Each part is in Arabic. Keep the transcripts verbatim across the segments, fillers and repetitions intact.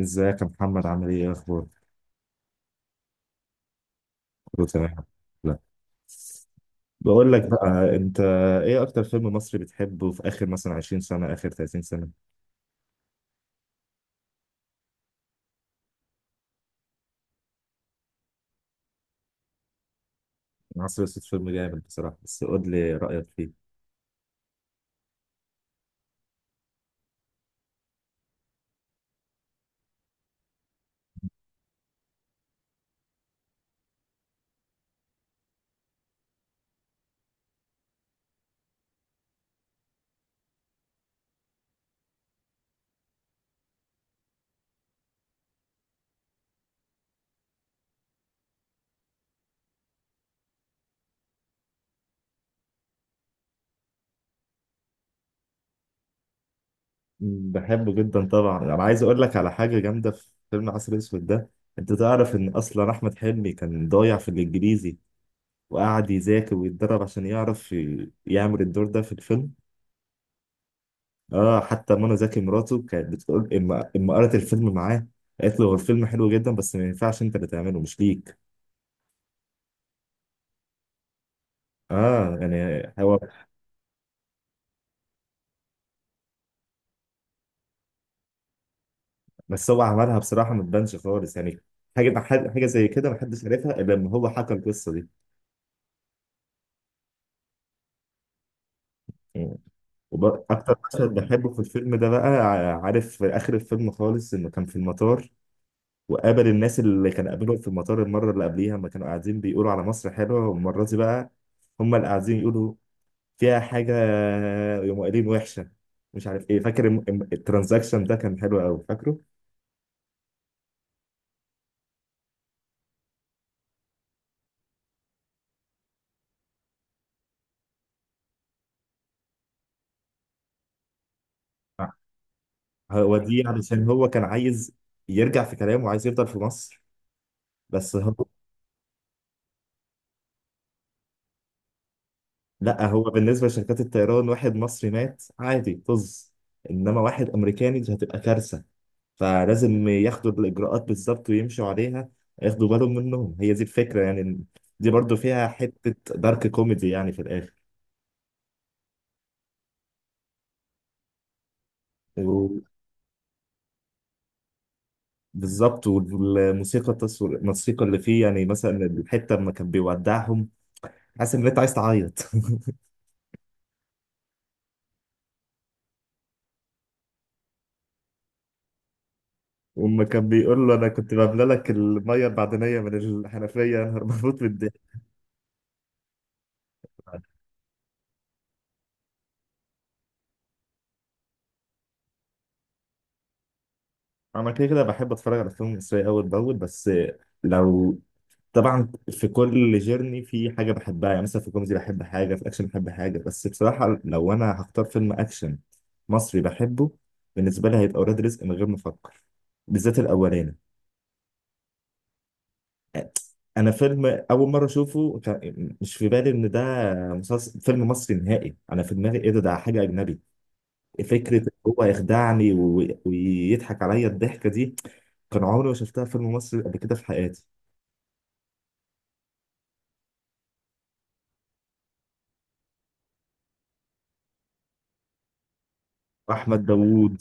ازيك يا محمد، عامل ايه اخبارك؟ كله تمام. لا. بقول لك بقى، انت ايه اكتر فيلم مصري بتحبه في اخر مثلا 20 سنة، اخر 30 سنة؟ مصر الصوت فيلم جامد بصراحة، بس قول لي رأيك فيه. مم، بحبه جدا طبعا، انا عايز اقول لك على حاجة جامدة في فيلم عسل اسود ده. انت تعرف ان اصلا احمد حلمي كان ضايع في الانجليزي. وقعد يذاكر ويتدرب عشان يعرف ي- يعمل الدور ده في الفيلم. اه، حتى منى زكي مراته كانت بتقول اما اما قرأت الفيلم معاه. قالت له هو الفيلم حلو جدا، بس ما ينفعش انت اللي تعمله، مش ليك. اه، يعني هو. بس هو عملها بصراحة، ما تبانش خالص يعني. حاجة، حاجة زي كده ما حدش عرفها الا لما هو حكى القصة دي. وأكتر مشهد بحبه في الفيلم ده بقى، ع- عارف، في آخر الفيلم خالص إنه كان في المطار. وقابل الناس اللي كان قابلهم في المطار المرة اللي قبليها لما كانوا قاعدين بيقولوا على مصر حلوة، والمرة دي بقى هم اللي قاعدين يقولوا فيها حاجة، يوم قايلين وحشة مش عارف ايه، فاكر الم- الم- الترانزاكشن ده كان حلو قوي فاكره. آه. هو دي علشان هو كان عايز يرجع في كلامه وعايز يفضل في مصر، بس هو. لا، هو بالنسبة لشركات الطيران، واحد مصري مات عادي طز. انما واحد امريكاني، دي هتبقى كارثة. فلازم ياخدوا الاجراءات بالظبط ويمشوا عليها. ياخدوا بالهم منهم، هي دي الفكرة يعني. دي برضو فيها حتة دارك كوميدي يعني، في الاخر. بالظبط، والموسيقى التصوير الموسيقى اللي فيه، يعني مثلا الحته لما كان بيودعهم، حاسس ان انت عايز تعيط. وأما كان بيقول له انا كنت بملى لك الميه المعدنيه من الحنفيه. انا بموت من الضحك. انا كده كده بحب اتفرج على فيلم مصري اول باول، بس لو. طبعا في كل جيرني في حاجه بحبها، يعني مثلا في كوميدي بحب حاجه، في اكشن بحب حاجه، بس بصراحه لو انا هختار فيلم اكشن مصري بحبه بالنسبه لي هيبقى ولاد رزق من غير ما افكر. بالذات الاولاني. انا فيلم اول مره اشوفه كان- مش في بالي ان ده مسلسل فيلم مصري نهائي. انا في دماغي ايه، ده ده حاجه اجنبي. فكره إن هو يخدعني و- ويضحك عليا الضحكه دي. كان عمري ما شفتها في فيلم مصري قبل كده في حياتي. احمد داوود،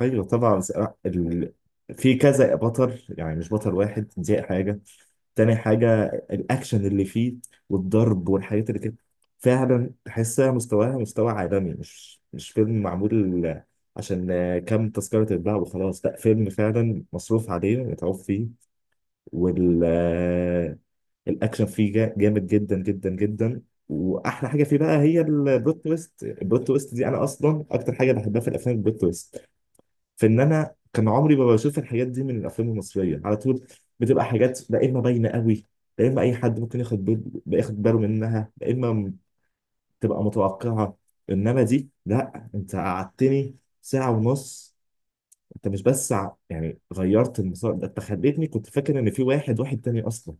ايوه طبعا س- ال... في كذا بطل يعني، مش بطل واحد، دي حاجه. تاني حاجه، الاكشن اللي فيه والضرب والحاجات اللي كده، فعلا تحسها مستواها مستوى عالمي، مش مش فيلم معمول عشان كام تذكرة تتباع وخلاص. لا، فيلم فعلا مصروف عليه متعوب فيه. والأكشن فيه جا- جامد جدا جدا جدا. وأحلى حاجة فيه بقى هي البلوت تويست، البلوت تويست دي أنا أصلا أكتر حاجة بحبها في الأفلام البلوت تويست. في ان انا كان عمري ما بشوف الحاجات دي من الافلام المصريه على طول. بتبقى حاجات لا اما باينه قوي، لا اما اي حد ممكن ياخد بال- ياخد باله منها، لا اما م- تبقى متوقعه. انما دي لا، انت قعدتني ساعه ونص. انت مش بس ع- يعني غيرت المسار ده، انت خليتني كنت فاكر ان في واحد واحد تاني اصلا.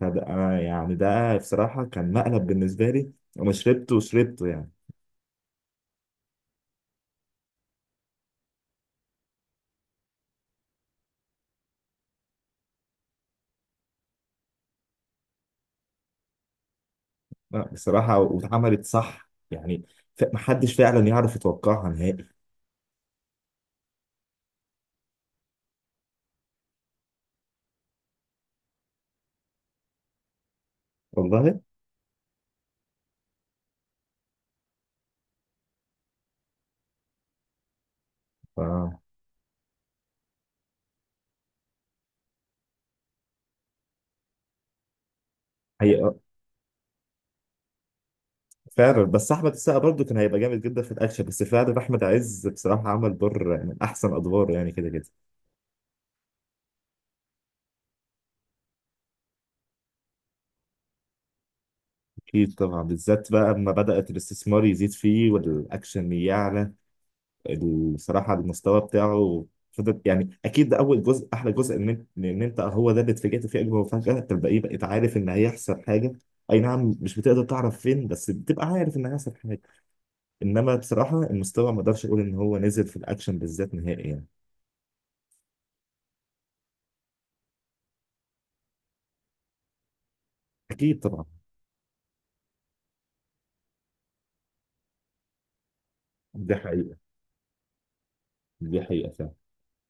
فده أنا يعني ده بصراحه كان مقلب بالنسبه لي. انا شربته وشربته يعني. لا بصراحه واتعملت صح يعني. ف- محدش فعلا يعرف يتوقعها نهائي. والله. ف هي فعلا، بس احمد السقا برضه كان هيبقى جامد جدا في الاكشن، بس فعلا احمد عز بصراحه عمل دور من احسن ادواره يعني كده كده. اكيد طبعا، بالذات بقى اما بدات الاستثمار يزيد فيه والاكشن يعلى بصراحه المستوى بتاعه فضل يعني، اكيد ده اول جزء احلى جزء، ان انت ان انت هو ده اللي اتفاجئت فيه اجمل مفاجاه، انت الباقي بقيت عارف ان هيحصل حاجه. اي نعم مش بتقدر تعرف فين، بس بتبقى عارف ان هيحصل حاجه. انما بصراحه المستوى ما اقدرش اقول ان هو نزل في الاكشن بالذات نهائي يعني. اكيد طبعا. دي حقيقة. دي حقيقة فعلا.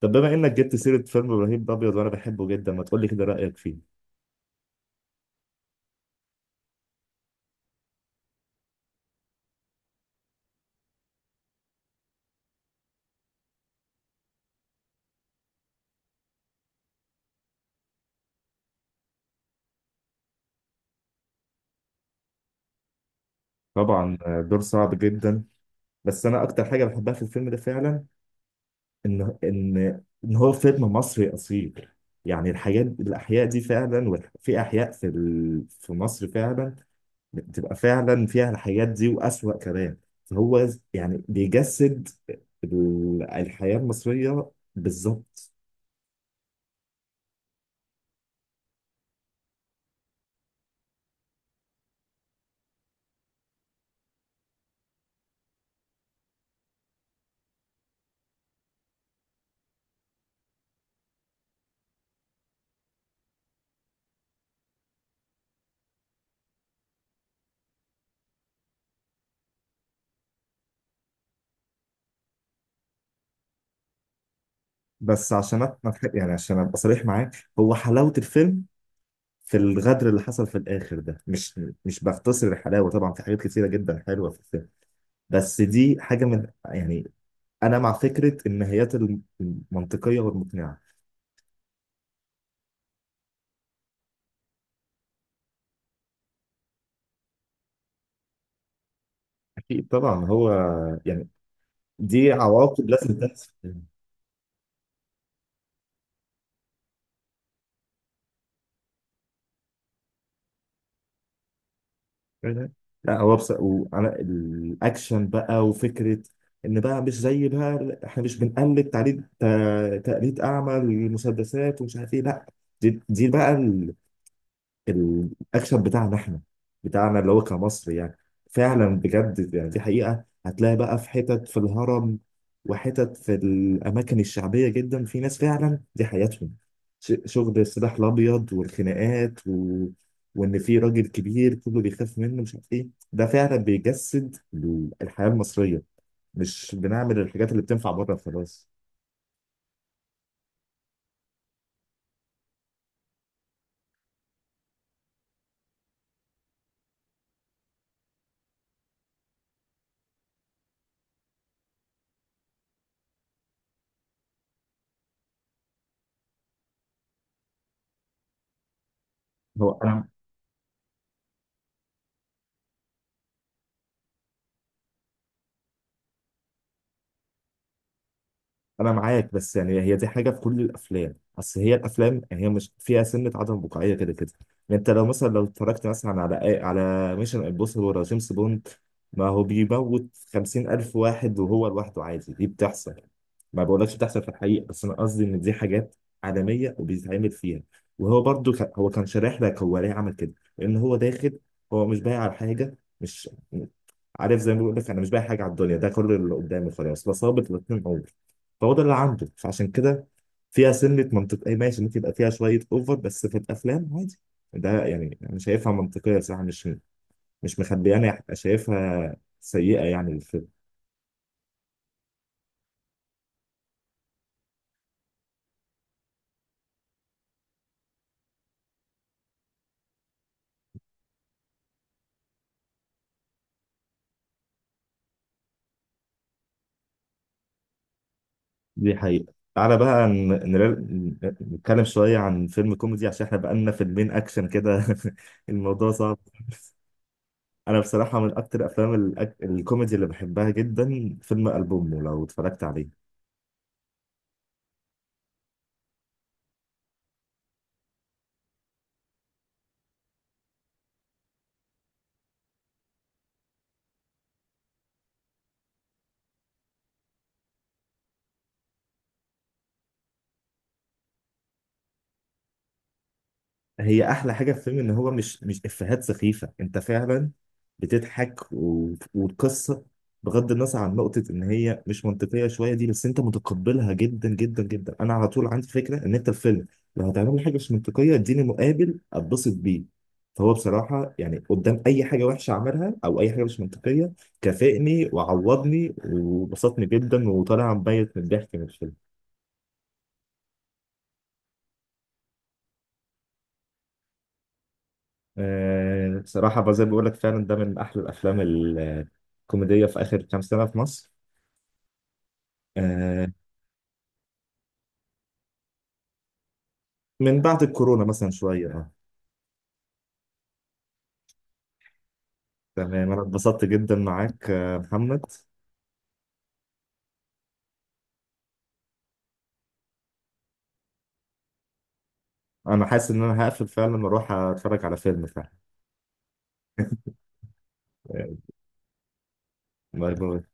طب بما إنك جبت سيرة فيلم إبراهيم الأبيض وأنا بحبه جدا، ما تقولي كده رأيك فيه. طبعا، آه، دور صعب جدا. بس أنا أكتر حاجة بحبها في الفيلم ده فعلا، إن إن إن هو فيلم مصري أصيل. يعني الحاجات الأحياء دي فعلا، وال- في أحياء في ال... في مصر فعلا. بتبقى فعلا فيها الحاجات دي وأسوأ كمان. فهو يعني بيجسد ال- الحياة المصرية بالظبط. بس عشان أت- ما تح- يعني عشان ابقى صريح معاك، هو حلاوه الفيلم في الغدر اللي حصل في الاخر ده، مش مش بختصر الحلاوه. طبعا في حاجات كتيره جدا حلوه في الفيلم، بس دي حاجه من يعني، انا مع فكره النهايات الم- المنطقيه والمقنعه. اكيد طبعا، هو يعني دي عواقب لازم تحصل. لا هو بس، وعلى الاكشن بقى وفكره ان بقى مش زي بقى، احنا مش بنقلد تقليد تا- تقليد اعمى للمسدسات ومش عارف ايه، لا. دي, دي بقى الاكشن بتاعنا احنا، بتاعنا اللي هو كمصر يعني. فعلا بجد، يعني دي حقيقة هتلاقي بقى في حتت في الهرم وحتت في الأماكن الشعبية جدا في ناس فعلا دي حياتهم. ش- شغل السلاح الأبيض والخناقات و... وإن في راجل كبير كله بيخاف منه مش عارف إيه، ده فعلا بيجسد الحياة المصرية. مش بنعمل الحاجات اللي بتنفع بره خلاص. هو أنا انا معاك، بس يعني هي دي حاجه في كل الافلام، اصل هي الافلام يعني هي مش فيها سنه عدم واقعيه كده كده. يعني انت لو مثلا لو اتفرجت مثلا على على ميشن امبوسيبل ولا جيمس بوند، ما هو بيموت خمسين الف واحد وهو لوحده عادي، دي بتحصل. ما بقولكش بتحصل في الحقيقه، بس انا قصدي ان دي حاجات عالميه وبيتعمل فيها. وهو برضو ك... هو كان شارح لك هو ليه عمل كده. لان هو داخل، هو مش بايع على حاجه، مش عارف، زي ما بيقول لك انا مش بايع حاجه على الدنيا، ده كل اللي قدامي خلاص فصابت الاثنين. فهو ده اللي عنده، فعشان كده فيها سنة منطق، اي ماشي، ممكن يبقى فيها شوية اوفر بس في الافلام عادي. ده يعني انا شايفها منطقية صراحة، مش مش مخبيانة هبقى شايفها سيئة يعني الفيلم. دي حقيقة. تعالى بقى ن- ن- نتكلم شوية عن فيلم كوميدي، عشان احنا بقالنا فيلمين أكشن كده. الموضوع صعب. أنا بصراحة من أكتر أفلام الأك... الكوميدي اللي بحبها جدا فيلم ألبومه، لو اتفرجت عليه. هي احلى حاجه في الفيلم ان هو مش مش افيهات سخيفه، انت فعلا بتضحك و... والقصه بغض النظر عن نقطه ان هي مش منطقيه شويه دي، بس انت متقبلها جدا جدا جدا. انا على طول عندي فكره ان انت الفيلم لو هتعمل لي حاجه مش منطقيه اديني مقابل اتبسط بيه. فهو بصراحه يعني قدام اي حاجه وحشه عملها او اي حاجه مش منطقيه، كافئني وعوضني وبسطني جدا وطالع مبيت من الضحك من الفيلم. آه، صراحة بقى زي ما بقول لك فعلا ده من أحلى الأفلام ال- الكوميدية في آخر كام سنة في مصر. آه، من بعد الكورونا مثلا شوية. آه. تمام، أنا اتبسطت جدا معاك آه، محمد. أنا حاسس إن أنا هقفل فعلا وأروح أتفرج على فيلم فعلا. آه، باي باي.